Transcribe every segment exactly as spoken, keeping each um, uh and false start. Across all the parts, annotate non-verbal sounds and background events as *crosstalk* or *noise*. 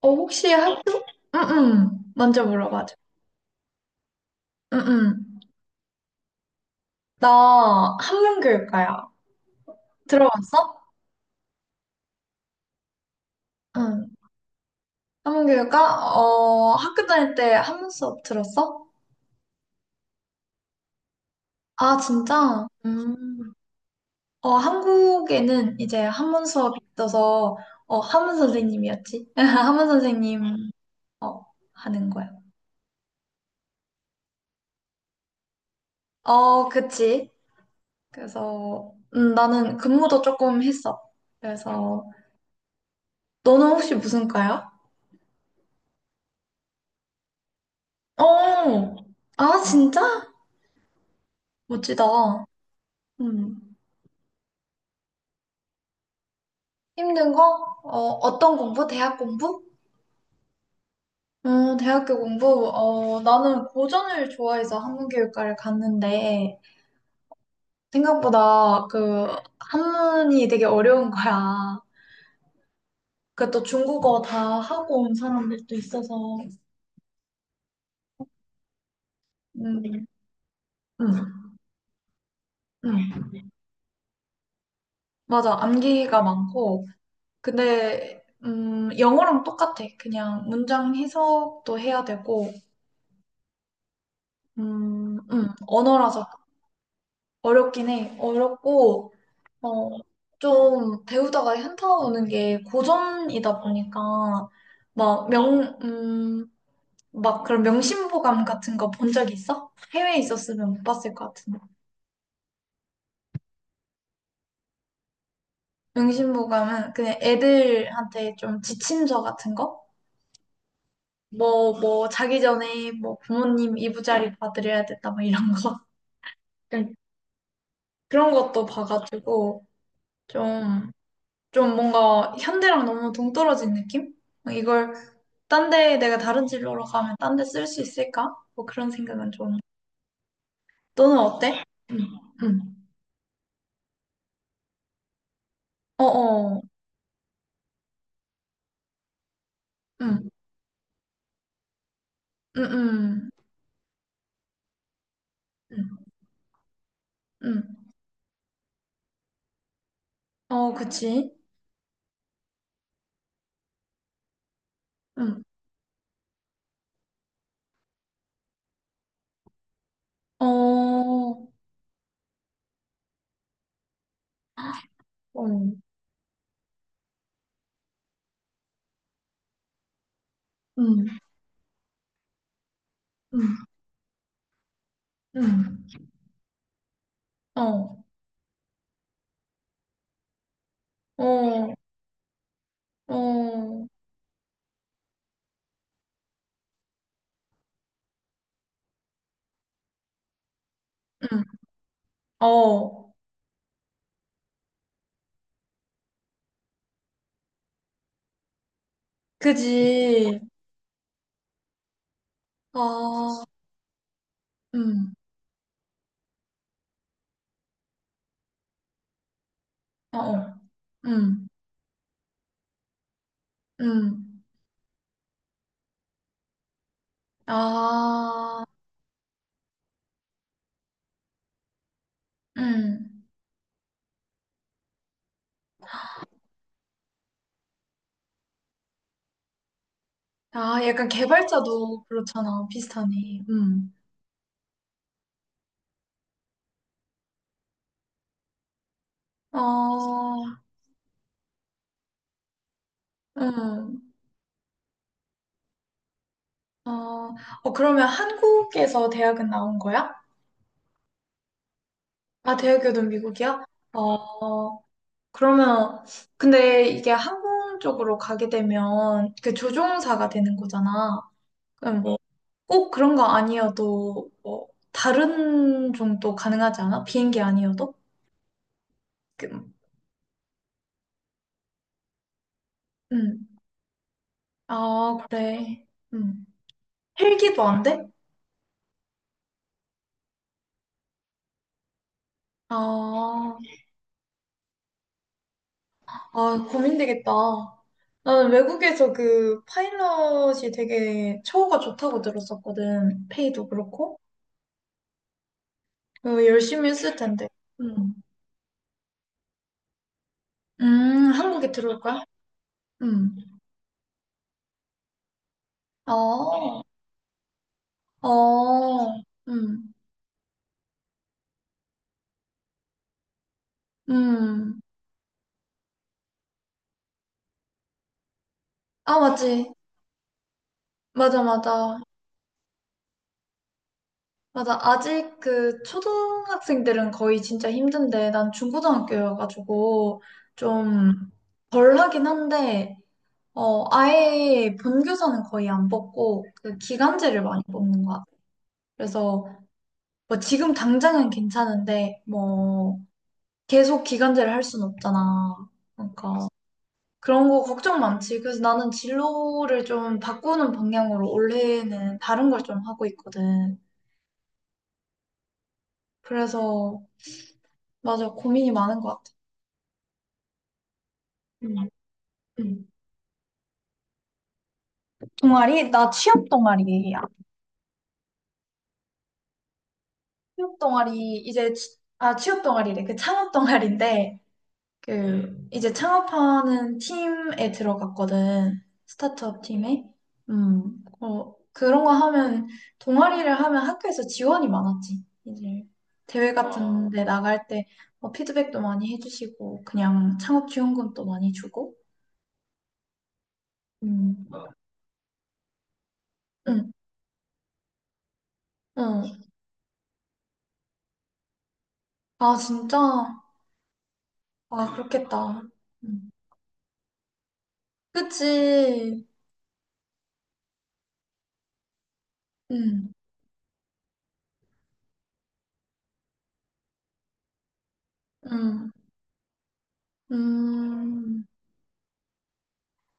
어, 혹시 어, 학교, 응응, 먼저 물어봐줘. 응응. 나 한문교육과야. 들어봤어? 응. 한문교육과? 어, 학교 다닐 때 한문 수업 들었어? 아, 진짜? 음. 어, 한국에는 이제 한문 수업이 있어서, 어, 한문 선생님이었지? *laughs* 한문 선생님, 어, 하는 거야. 어, 그치. 그래서, 음, 나는 근무도 조금 했어. 그래서, 너는 혹시 무슨 과야? 어, 아, 진짜? 멋지다. 음. 힘든 거? 어, 어떤 공부? 대학 공부? 음 대학교 공부, 어, 나는 고전을 좋아해서 한문교육과를 갔는데, 생각보다 그, 한문이 되게 어려운 거야. 그 또 중국어 다 하고 온 사람들도 있어서, 음, 음, 음. 맞아. 암기가 많고, 근데, 음, 영어랑 똑같아. 그냥 문장 해석도 해야 되고, 음, 음, 언어라서 어렵긴 해. 어렵고, 어, 좀 배우다가 현타오는 게 고전이다 보니까, 막 명, 음, 막 그런 명심보감 같은 거 본 적 있어? 해외에 있었으면 못 봤을 것 같은데. 명심보감은 그냥 애들한테 좀 지침서 같은 거? 뭐, 뭐, 자기 전에 뭐 부모님 이부자리 봐드려야 된다, 뭐 이런 거. *laughs* 그런 것도 봐가지고, 좀, 좀 뭔가 현대랑 너무 동떨어진 느낌? 이걸 딴 데 내가 다른 진로로 가면 딴 데 쓸 수 있을까? 뭐 그런 생각은 좀. 너는 어때? 응, 응. 어어, 응, 응, 응, 응, 응. 어, 그치. 응, 어, 어, 응, 응, 응. 어, 어, 어, 응, 어, 그지. 아, 응, 어, 어, 응, 응. 아. 음. 아, 약간 개발자도 그렇잖아. 비슷하네. 음. 어, 음. 어, 어, 그러면 한국에서 대학은 나온 거야? 아, 대학교는 미국이야? 어, 그러면, 근데 이게 항공 쪽으로 가게 되면 그 조종사가 되는 거잖아. 그럼 뭐, 꼭 그런 거 아니어도, 뭐, 다른 종도 가능하지 않아? 비행기 아니어도? 그, 음. 아, 그래. 음. 헬기도 안 돼? 아, 아, 고민되겠다. 나는 외국에서 그 파일럿이 되게 처우가 좋다고 들었었거든. 페이도 그렇고. 어, 열심히 했을 텐데. 음. 음, 한국에 들어올 거야? 음. 어, 어, 음, 음. 아, 맞지. 맞아, 맞아. 맞아. 아직 그 초등학생들은 거의 진짜 힘든데, 난 중고등학교여가지고 좀 덜 하긴 한데, 어, 아예 본교사는 거의 안 뽑고, 그 기간제를 많이 뽑는 것 같아요. 그래서, 뭐, 지금 당장은 괜찮은데, 뭐, 계속 기간제를 할 수는 없잖아. 그러니까, 그런 거 걱정 많지. 그래서 나는 진로를 좀 바꾸는 방향으로 올해는 다른 걸 좀 하고 있거든. 그래서, 맞아, 고민이 많은 것 같아. 음, 음. 동아리? 나 취업 동아리야. 취업 동아리, 이제, 취- 아, 취업 동아리래. 그 창업 동아리인데, 그 이제 창업하는 팀에 들어갔거든. 스타트업 팀에. 음. 어, 그런 거 하면 동아리를 하면 학교에서 지원이 많았지. 이제 대회 같은 어, 데 나갈 때 뭐 피드백도 많이 해주시고 그냥 창업 지원금도 많이 주고. 음. 응. 응. 아, 진짜. 아, 그렇겠다. 음. 그치. 음. 음. 음.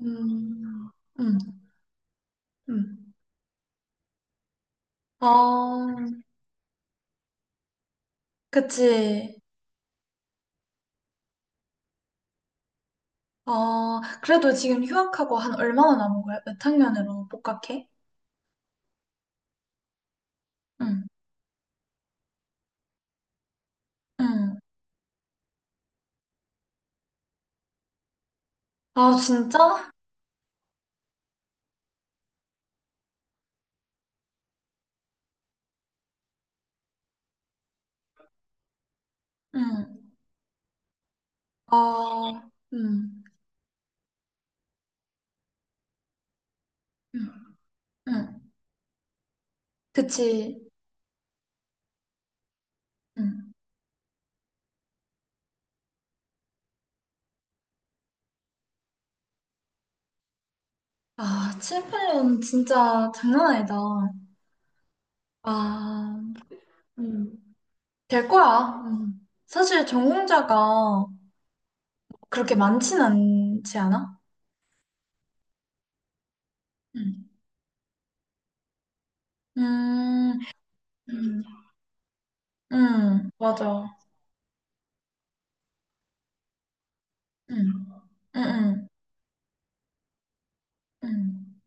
음. 음. 음. 아. 그치. 어, 그래도 지금 휴학하고 한 얼마나 남은 거야? 몇 학년으로 복학해? 응, 응. 아, 진짜? 응. 아, 응, 응, 응. 그치. 응. 아, 칠, 팔 년 진짜 장난 아니다. 아, 음, 될 거야. 음. 사실 전공자가 그렇게 많진 않지 않아? 음, 음, 음, 음, 맞아. 음, 음, 음. 음.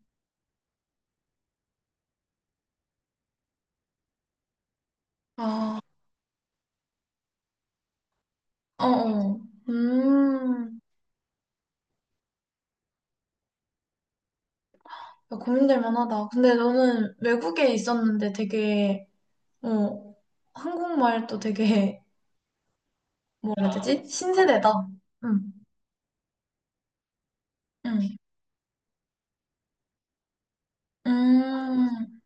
아. 어어. 음. 고민될 만하다. 근데 너는 외국에 있었는데 되게, 어, 한국말도 되게, *laughs* 뭐라 해야 되지? 신세대다. 응, 응. 음,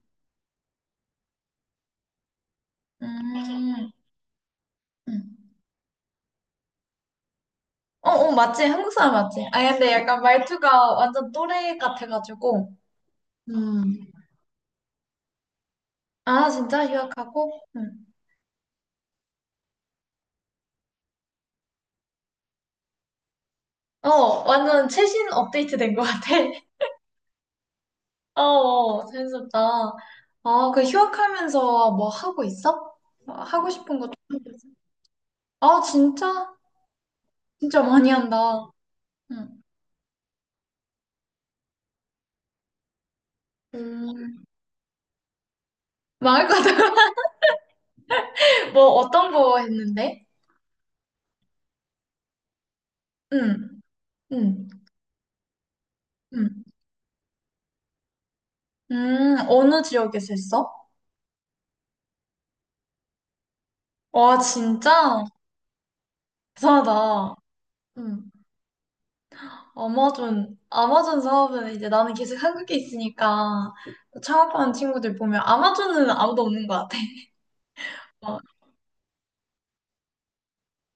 음, 음. 어, 어, 맞지? 한국 사람 맞지? 아, 근데 약간 말투가 완전 또래 같아가지고. 음. 아, 진짜? 휴학하고? 응. 어, 완전 최신 업데이트 된 것 같아. 어, 어, 재밌었다. 아, 그 휴학하면서 뭐 하고 있어? 뭐 하고 싶은 거 좀. 아, 진짜? 진짜 많이 한다. 응. 음, 말할 거다. *laughs* 뭐 어떤 거 했는데? 응, 응, 응. 음, 어느 지역에서 했어? 와, 진짜? 대단하다. 응. 아마존, 아마존 사업은 이제 나는 계속 한국에 있으니까 창업하는 친구들 보면 아마존은 아무도 없는 것 같아. *laughs* 어.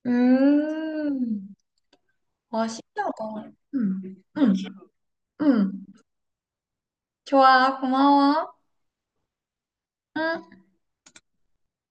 음. 와, 신기하다. 응, 응, 응. 좋아, 고마워. 응.